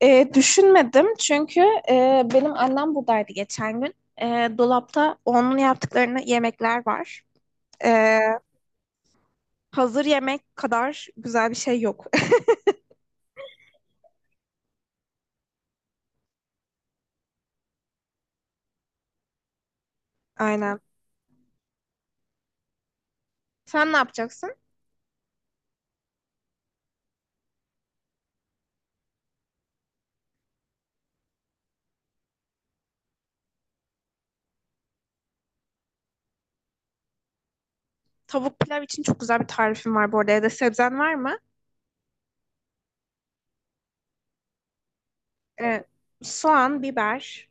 Düşünmedim çünkü benim annem buradaydı geçen gün. E, Dolapta onun yaptıklarını yemekler var. E, Hazır yemek kadar güzel bir şey yok. Aynen. Sen ne yapacaksın? Tavuk pilav için çok güzel bir tarifim var bu arada. Ya da sebzen var mı? E, Soğan, biber.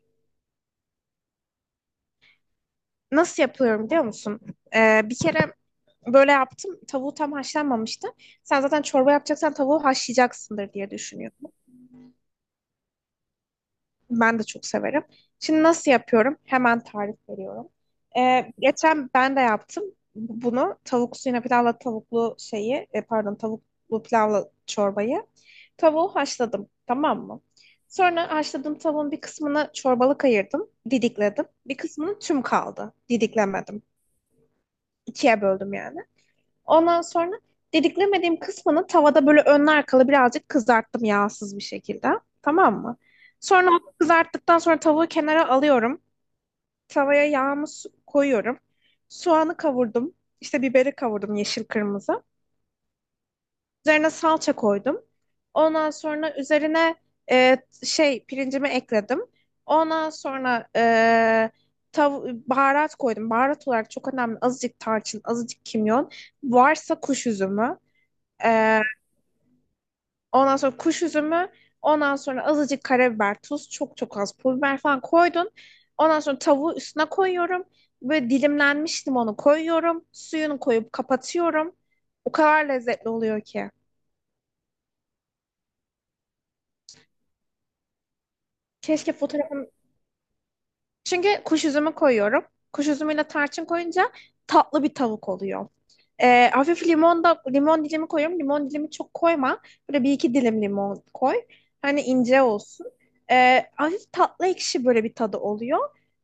Nasıl yapıyorum biliyor musun? Bir kere böyle yaptım. Tavuğu tam haşlanmamıştı. Sen zaten çorba yapacaksan tavuğu haşlayacaksındır diye düşünüyorum. Ben de çok severim. Şimdi nasıl yapıyorum? Hemen tarif veriyorum. Geçen ben de yaptım bunu. Tavuk suyuna pilavla tavuklu şeyi, pardon, tavuklu pilavla çorbayı. Tavuğu haşladım, tamam mı? Sonra haşladığım tavuğun bir kısmını çorbalık ayırdım, didikledim. Bir kısmının tüm kaldı, didiklemedim. İkiye böldüm yani. Ondan sonra didiklemediğim kısmını tavada böyle önlü arkalı birazcık kızarttım yağsız bir şekilde. Tamam mı? Sonra onu kızarttıktan sonra tavuğu kenara alıyorum. Tavaya yağımı koyuyorum. Soğanı kavurdum. İşte biberi kavurdum, yeşil kırmızı. Üzerine salça koydum. Ondan sonra üzerine e, pirincimi ekledim. Ondan sonra e, tav baharat koydum. Baharat olarak çok önemli. Azıcık tarçın, azıcık kimyon. Varsa kuş üzümü. E, Ondan sonra kuş üzümü, ondan sonra azıcık karabiber, tuz, çok çok az pul biber falan koydun. Ondan sonra tavuğu üstüne koyuyorum. Böyle dilimlenmiş limonu koyuyorum. Suyunu koyup kapatıyorum. O kadar lezzetli oluyor ki. Keşke fotoğrafını... Çünkü kuş üzümü koyuyorum. Kuş üzümüyle tarçın koyunca tatlı bir tavuk oluyor. Hafif limon da limon dilimi koyuyorum. Limon dilimi çok koyma. Böyle bir iki dilim limon koy. Hani ince olsun. Hafif tatlı ekşi böyle bir tadı oluyor.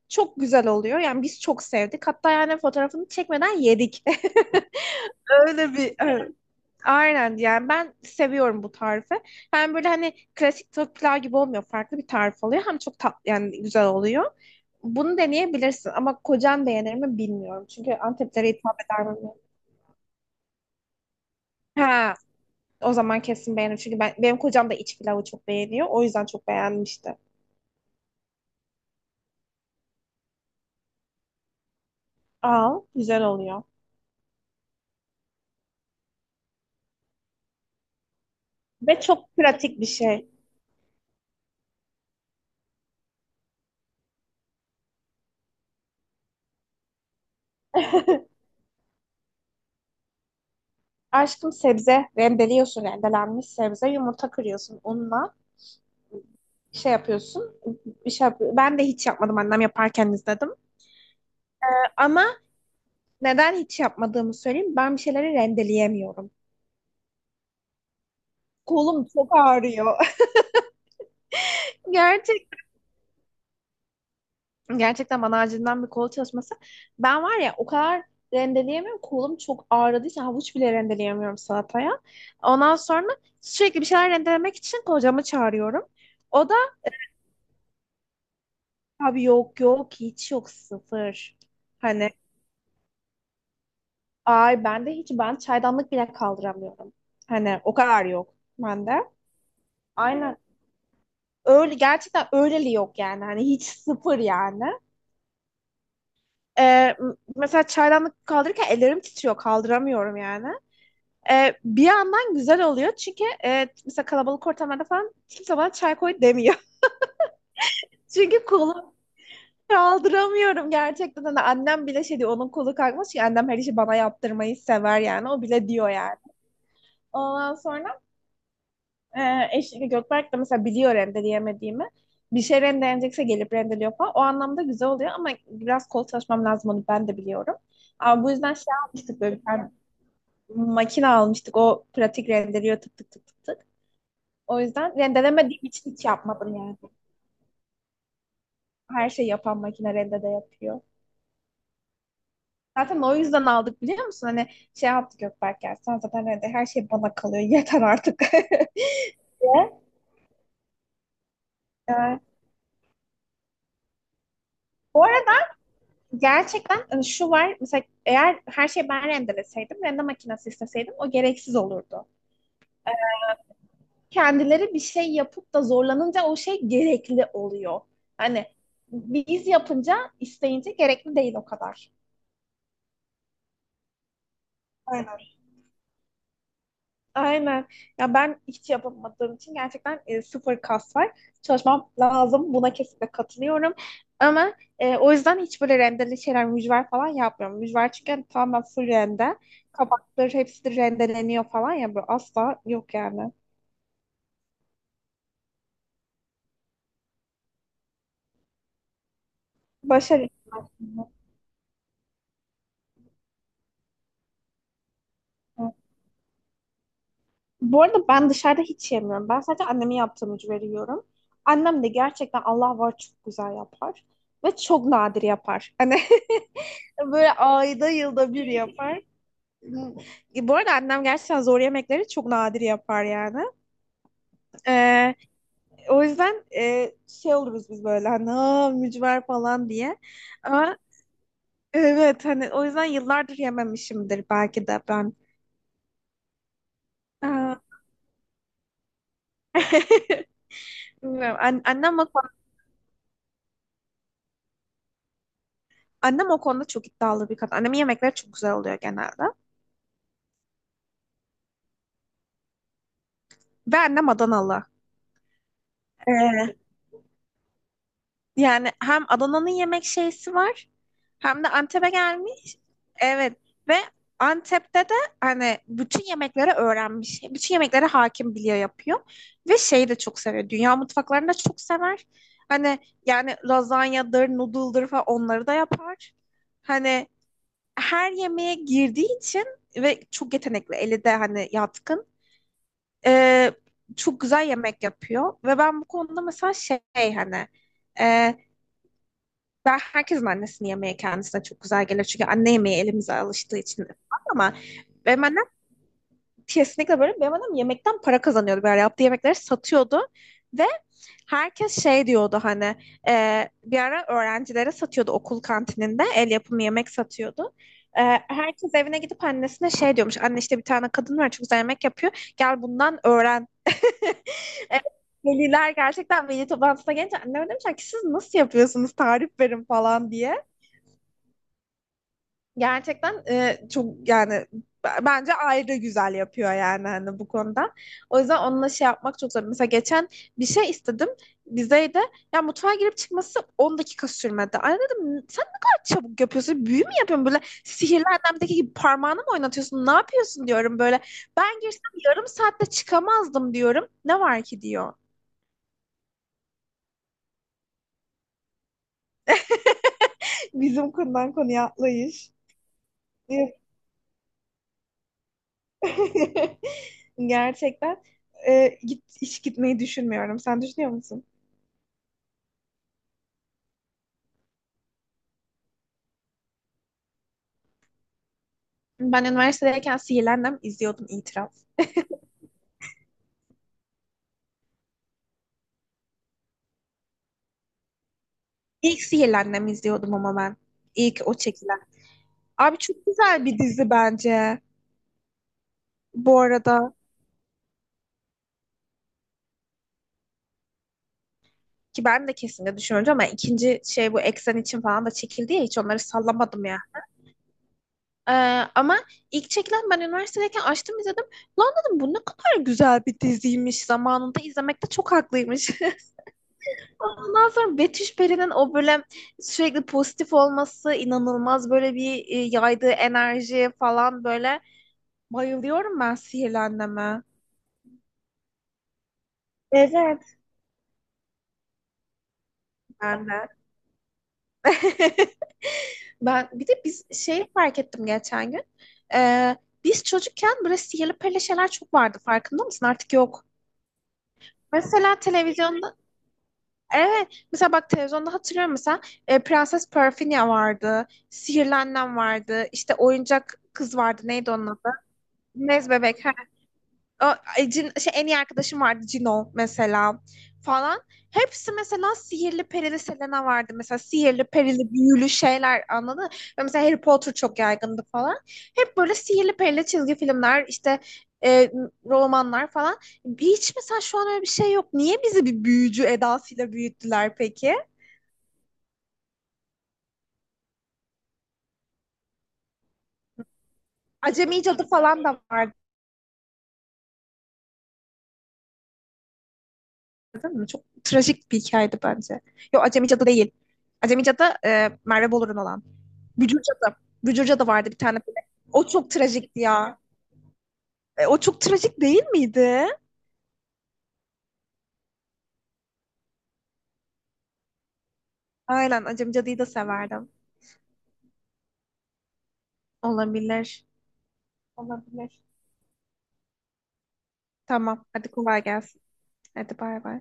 Çok güzel oluyor. Yani biz çok sevdik. Hatta yani fotoğrafını çekmeden yedik. Öyle bir evet. Aynen, yani ben seviyorum bu tarifi. Hem böyle hani klasik tavuk pilav gibi olmuyor. Farklı bir tarif oluyor. Hem çok tatlı yani güzel oluyor. Bunu deneyebilirsin ama kocan beğenir mi bilmiyorum. Çünkü Anteplilere hitap eder mi? Ha, o zaman kesin beğenir. Çünkü benim kocam da iç pilavı çok beğeniyor. O yüzden çok beğenmişti. Al, güzel oluyor. Ve çok pratik bir şey. Aşkım, sebze rendeliyorsun, rendelenmiş sebze. Yumurta kırıyorsun unla. Şey yapıyorsun. Ben de hiç yapmadım. Annem yaparken izledim. Ama neden hiç yapmadığımı söyleyeyim. Ben bir şeyleri rendeleyemiyorum. Kolum çok ağrıyor. Gerçekten. Gerçekten bana acilden bir kol çalışması. Ben var ya o kadar rendeleyemiyorum. Kolum çok ağrıdığı için havuç bile rendeleyemiyorum salataya. Ondan sonra sürekli bir şeyler rendelemek için kocamı çağırıyorum. O da abi yok, yok hiç yok, sıfır. Hani ay ben de hiç, ben çaydanlık bile kaldıramıyorum. Hani o kadar yok bende. Aynen öyle, gerçekten öyleli, yok yani, hani hiç sıfır yani. Ee, Mesela çaydanlık kaldırırken ellerim titriyor, kaldıramıyorum yani. Bir yandan güzel oluyor çünkü mesela kalabalık ortamlarda falan kimse bana çay koy demiyor. Çünkü kolu kaldıramıyorum gerçekten. Hani annem bile şey diyor onun kolu kalkmış ki, annem her işi bana yaptırmayı sever yani, o bile diyor yani. Ondan sonra e, eşlik Gökberk de mesela biliyor rendeleyemediğimi. Bir şey rendelenecekse gelip rendeliyor falan. O anlamda güzel oluyor ama biraz kol çalışmam lazım, onu ben de biliyorum. Ama bu yüzden şey almıştık, böyle bir tane makine almıştık. O pratik rendeliyor, tık tık tık tık tık. O yüzden rendelemediğim için hiç yapmadım yani. Her şeyi yapan makine rende de yapıyor. Zaten o yüzden aldık, biliyor musun? Hani şey yaptı Gökberk, ya sen zaten rende her şey bana kalıyor yeter artık, diye. Evet. Bu arada gerçekten hani şu var, mesela eğer her şeyi ben rendeleseydim rende makinesi isteseydim o gereksiz olurdu. Kendileri bir şey yapıp da zorlanınca o şey gerekli oluyor. Hani biz yapınca isteyince gerekli değil, o kadar. Aynen. Ya ben hiç yapamadığım için gerçekten sıfır kas var. Çalışmam lazım. Buna kesinlikle katılıyorum. Ama o yüzden hiç böyle rendeli şeyler, mücver falan yapmıyorum. Mücver çünkü hani tamamen full rende. Kabakları hepsi de rendeleniyor falan ya. Böyle asla yok yani. Başarı. Bu arada ben dışarıda hiç yemiyorum. Ben sadece annemin yaptığı mücveri yiyorum. Annem de gerçekten Allah var çok güzel yapar. Ve çok nadir yapar. Hani böyle ayda yılda bir yapar. Bu arada annem gerçekten zor yemekleri çok nadir yapar yani. E, O yüzden şey oluruz biz böyle, hani "Aa, mücver" falan diye. Ama evet, hani o yüzden yıllardır yememişimdir belki de ben. Aa, bilmiyorum. Annem o konuda çok iddialı bir kadın. Annemin yemekleri çok güzel oluyor genelde. Ve annem Adanalı. Ee, Yani hem Adana'nın yemek şeysi var hem de Antep'e gelmiş. Evet, ve Antep'te de hani bütün yemekleri öğrenmiş. Bütün yemeklere hakim, biliyor, yapıyor. Ve şeyi de çok seviyor. Dünya mutfaklarını da çok sever. Hani yani lazanyadır, noodle'dır falan, onları da yapar. Hani her yemeğe girdiği için ve çok yetenekli, eli de hani yatkın. Ee, Çok güzel yemek yapıyor. Ve ben bu konuda mesela şey hani... E, Ben herkesin annesinin yemeği kendisine çok güzel gelir. Çünkü anne yemeği elimize alıştığı için falan. Ama benim annem kesinlikle böyle. Benim annem yemekten para kazanıyordu. Böyle yaptığı yemekleri satıyordu. Ve herkes şey diyordu, hani bir ara öğrencilere satıyordu, okul kantininde el yapımı yemek satıyordu. E, Herkes evine gidip annesine şey diyormuş. Anne, işte bir tane kadın var çok güzel yemek yapıyor, gel bundan öğren. E, Veliler gerçekten veli toplantısına gelince anneme demişler ki, siz nasıl yapıyorsunuz, tarif verin falan diye. Gerçekten çok yani, bence ayrı güzel yapıyor yani, hani bu konuda. O yüzden onunla şey yapmak çok zor. Mesela geçen bir şey istedim bizeyde. Ya mutfağa girip çıkması 10 dakika sürmedi. Ay dedim, sen ne kadar çabuk yapıyorsun? Büyü mü yapıyorsun böyle? Sihirli Annem'deki gibi parmağını mı oynatıyorsun? Ne yapıyorsun diyorum böyle. Ben girsem yarım saatte çıkamazdım diyorum. Ne var ki diyor. Bizim konudan konuya atlayış. Gerçekten hiç gitmeyi düşünmüyorum. Sen düşünüyor musun? Ben üniversitedeyken Sihirli Annem izliyordum, itiraf. İlk Sihirli Annem izliyordum ama ben. İlk o çekilen. Abi çok güzel bir dizi bence. Bu arada ki ben de kesinlikle düşünüyorum ama ikinci şey bu Eksen için falan da çekildi ya, hiç onları sallamadım ya. Ee, Ama ilk çekilen ben üniversitedeyken açtım izledim. Lan dedim, bu ne kadar güzel bir diziymiş, zamanında izlemekte çok haklıymış. Ondan sonra Betüş Peri'nin o böyle sürekli pozitif olması inanılmaz. Böyle bir yaydığı enerji falan böyle. Bayılıyorum ben sihirlenmeme. Evet. Ben de. Ben bir de biz şey fark ettim geçen gün. Ee, Biz çocukken böyle sihirli perili şeyler çok vardı, farkında mısın? Artık yok. Mesela televizyonda, evet mesela bak televizyonda hatırlıyorum mesela Prenses Perfinia vardı. Sihirlenlen vardı. İşte oyuncak kız vardı. Neydi onun adı? Nez Bebek. En iyi arkadaşım vardı Cino mesela falan. Hepsi mesela sihirli perili, Selena vardı. Mesela sihirli perili büyülü şeyler, anladın mı? Ve mesela Harry Potter çok yaygındı falan. Hep böyle sihirli perili çizgi filmler, işte e, romanlar falan. Hiç mesela şu an öyle bir şey yok. Niye bizi bir büyücü edasıyla büyüttüler peki? Acemi Cadı falan da vardı, değil mi? Çok trajik bir hikayeydi bence. Yok, Acemi Cadı değil. Acemi Cadı Merve Bolur'un olan. Bücürcada. Bücürcada vardı bir tane böyle. O çok trajikti ya. O çok trajik değil miydi? Aynen. Acemi Cadı'yı da severdim. Olabilir. Olabilir. Tamam. Hadi kolay gelsin. Hadi bay bay.